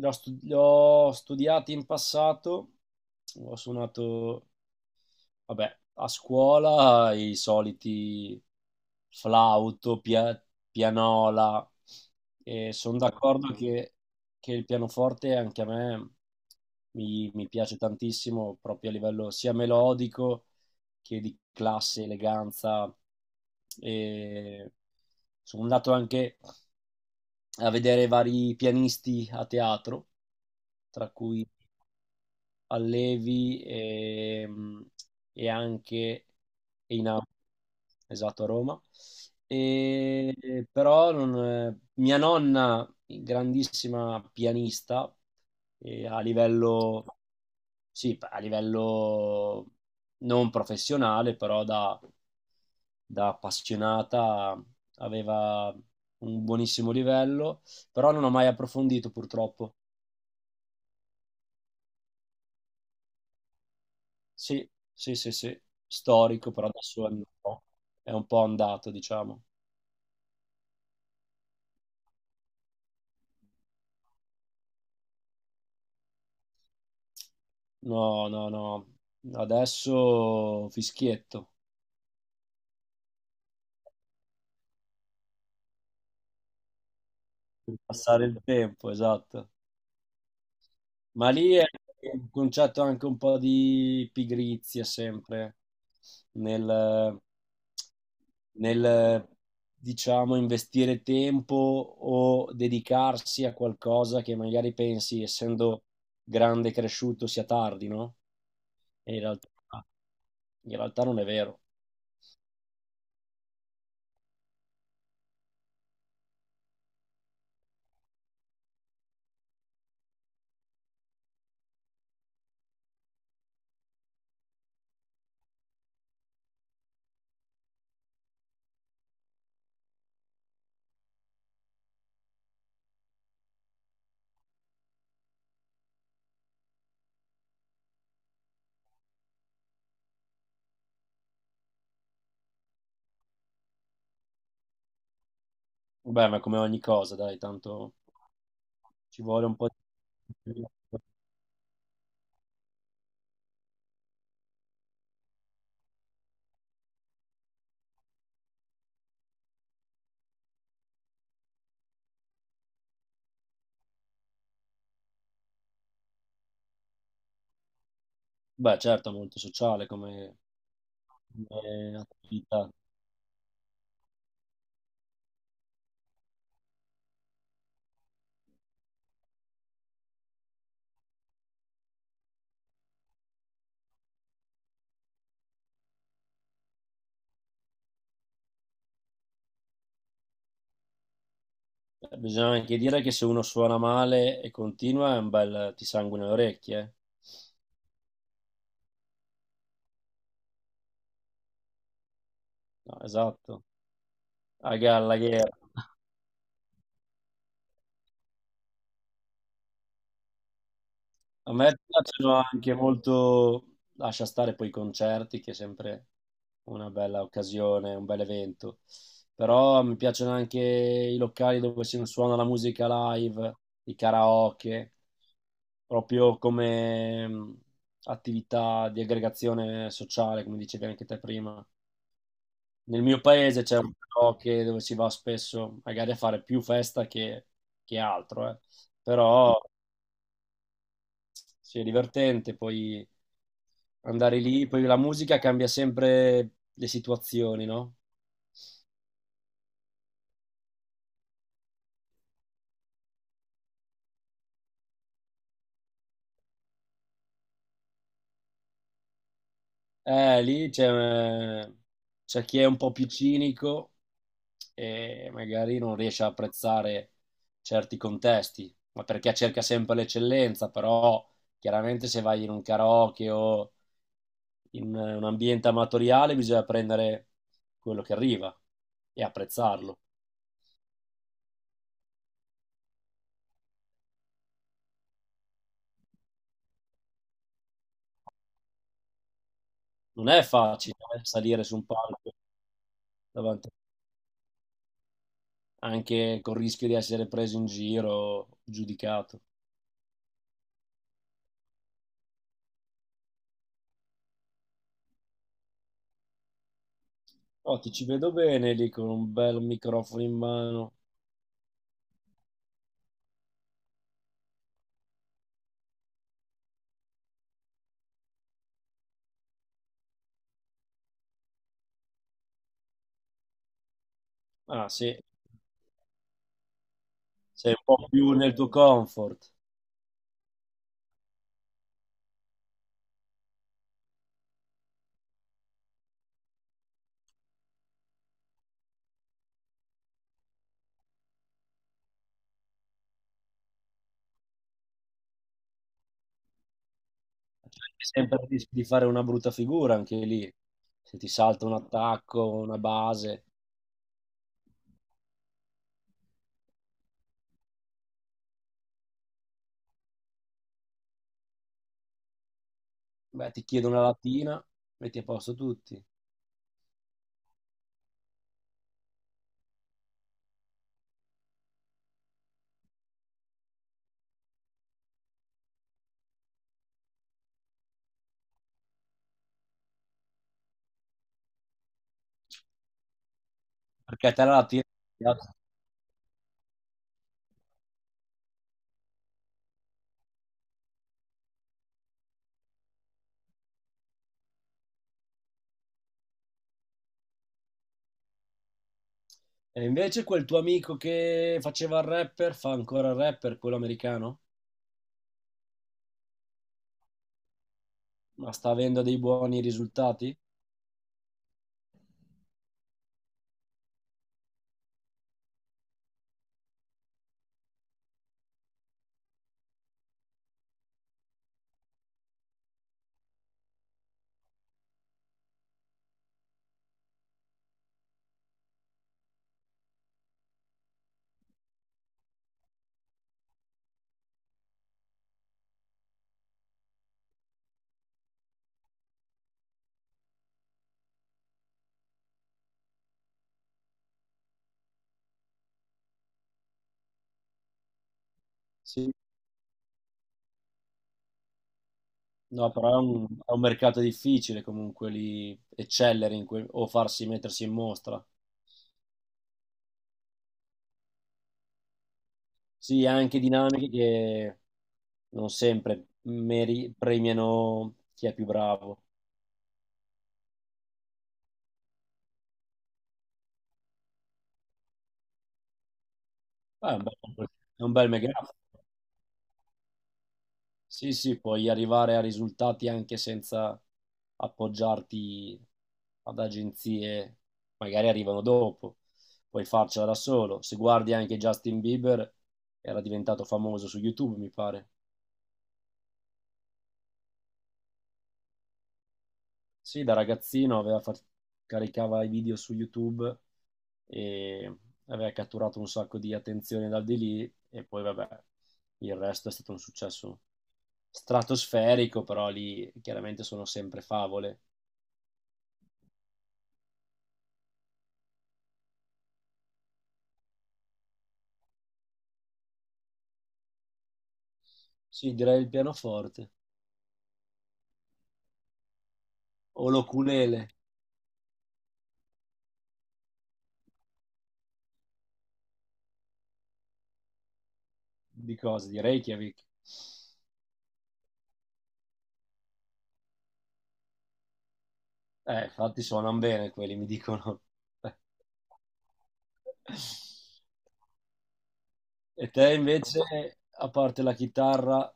L'ho studiato in passato, ho suonato. Vabbè, a scuola i soliti flauto, pianola. E sono d'accordo, esatto, che il pianoforte anche a me mi piace tantissimo, proprio a livello sia melodico che di classe, eleganza. E sono andato anche a vedere vari pianisti a teatro, tra cui Allevi, e anche in Austria, esatto, a Roma. E però non- mia nonna, grandissima pianista, a livello, sì, a livello non professionale, però da, da appassionata aveva un buonissimo livello, però non ho mai approfondito purtroppo. Sì, sì, sì, sì, storico, però adesso è un po' andato, diciamo. No, no, no, adesso fischietto, per passare il tempo, esatto. Ma lì è un concetto anche un po' di pigrizia sempre, nel, nel, diciamo, investire tempo o dedicarsi a qualcosa che magari pensi, essendo grande e cresciuto, sia tardi, no? E in realtà... In realtà non è vero. Vabbè, ma come ogni cosa, dai, tanto ci vuole un po' di... Beh, certo, è molto sociale come, come attività. Bisogna anche dire che se uno suona male e continua è un bel ti sanguina le orecchie, eh. No, esatto. A Gallagher. A me piacciono anche molto, lascia stare poi i concerti, che è sempre una bella occasione, un bel evento, però mi piacciono anche i locali dove si suona la musica live, i karaoke, proprio come attività di aggregazione sociale, come dicevi anche te prima. Nel mio paese c'è un karaoke dove si va spesso, magari a fare più festa che altro, eh. Però sì, è divertente, poi andare lì, poi la musica cambia sempre le situazioni, no? Eh, lì c'è eh, c'è chi è un po' più cinico e magari non riesce a apprezzare certi contesti, ma perché cerca sempre l'eccellenza, però chiaramente se vai in un karaoke o in un ambiente amatoriale bisogna prendere quello che arriva e apprezzarlo. Non è facile, salire su un palco davanti, anche con il rischio di essere preso in giro, giudicato. Oh, ti ci vedo bene lì con un bel microfono in mano. Ah, sì, sei un po' più nel tuo comfort. C'è sempre il rischio di fare una brutta figura anche lì. Se ti salta un attacco, una base, beh, ti chiedo una latina, metti a posto tutti. Perché a te la latina... piace. E invece quel tuo amico che faceva il rapper, fa ancora il rapper, quello americano? Ma sta avendo dei buoni risultati? Sì. No, però è un mercato difficile, comunque lì eccellere in quel- o farsi mettersi in mostra. Sì, ha anche dinamiche che non sempre meri- premiano chi è più bravo. Ma È un bel, è un bel megafono. Sì, sì, puoi arrivare a risultati anche senza appoggiarti ad agenzie, magari arrivano dopo, puoi farcela da solo. Se guardi anche Justin Bieber, era diventato famoso su YouTube, mi pare. Sì, da ragazzino caricava i video su YouTube e aveva catturato un sacco di attenzione dal di lì, e poi vabbè, il resto è stato un successo stratosferico, però lì chiaramente sono sempre favole. Sì, direi il pianoforte o l'oculele di cose, di Reykjavik. Infatti suonano bene quelli, mi dicono. E te invece, a parte la chitarra,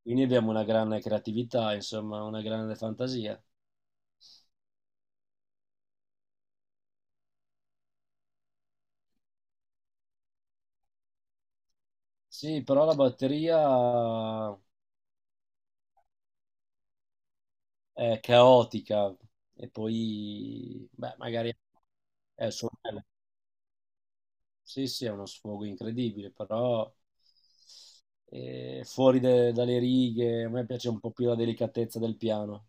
quindi abbiamo una grande creatività, insomma, una grande fantasia. Sì, però la batteria è caotica e poi, beh, magari è il suo bello. Sì, sì, è uno sfogo incredibile, però fuori dalle righe, a me piace un po' più la delicatezza del piano.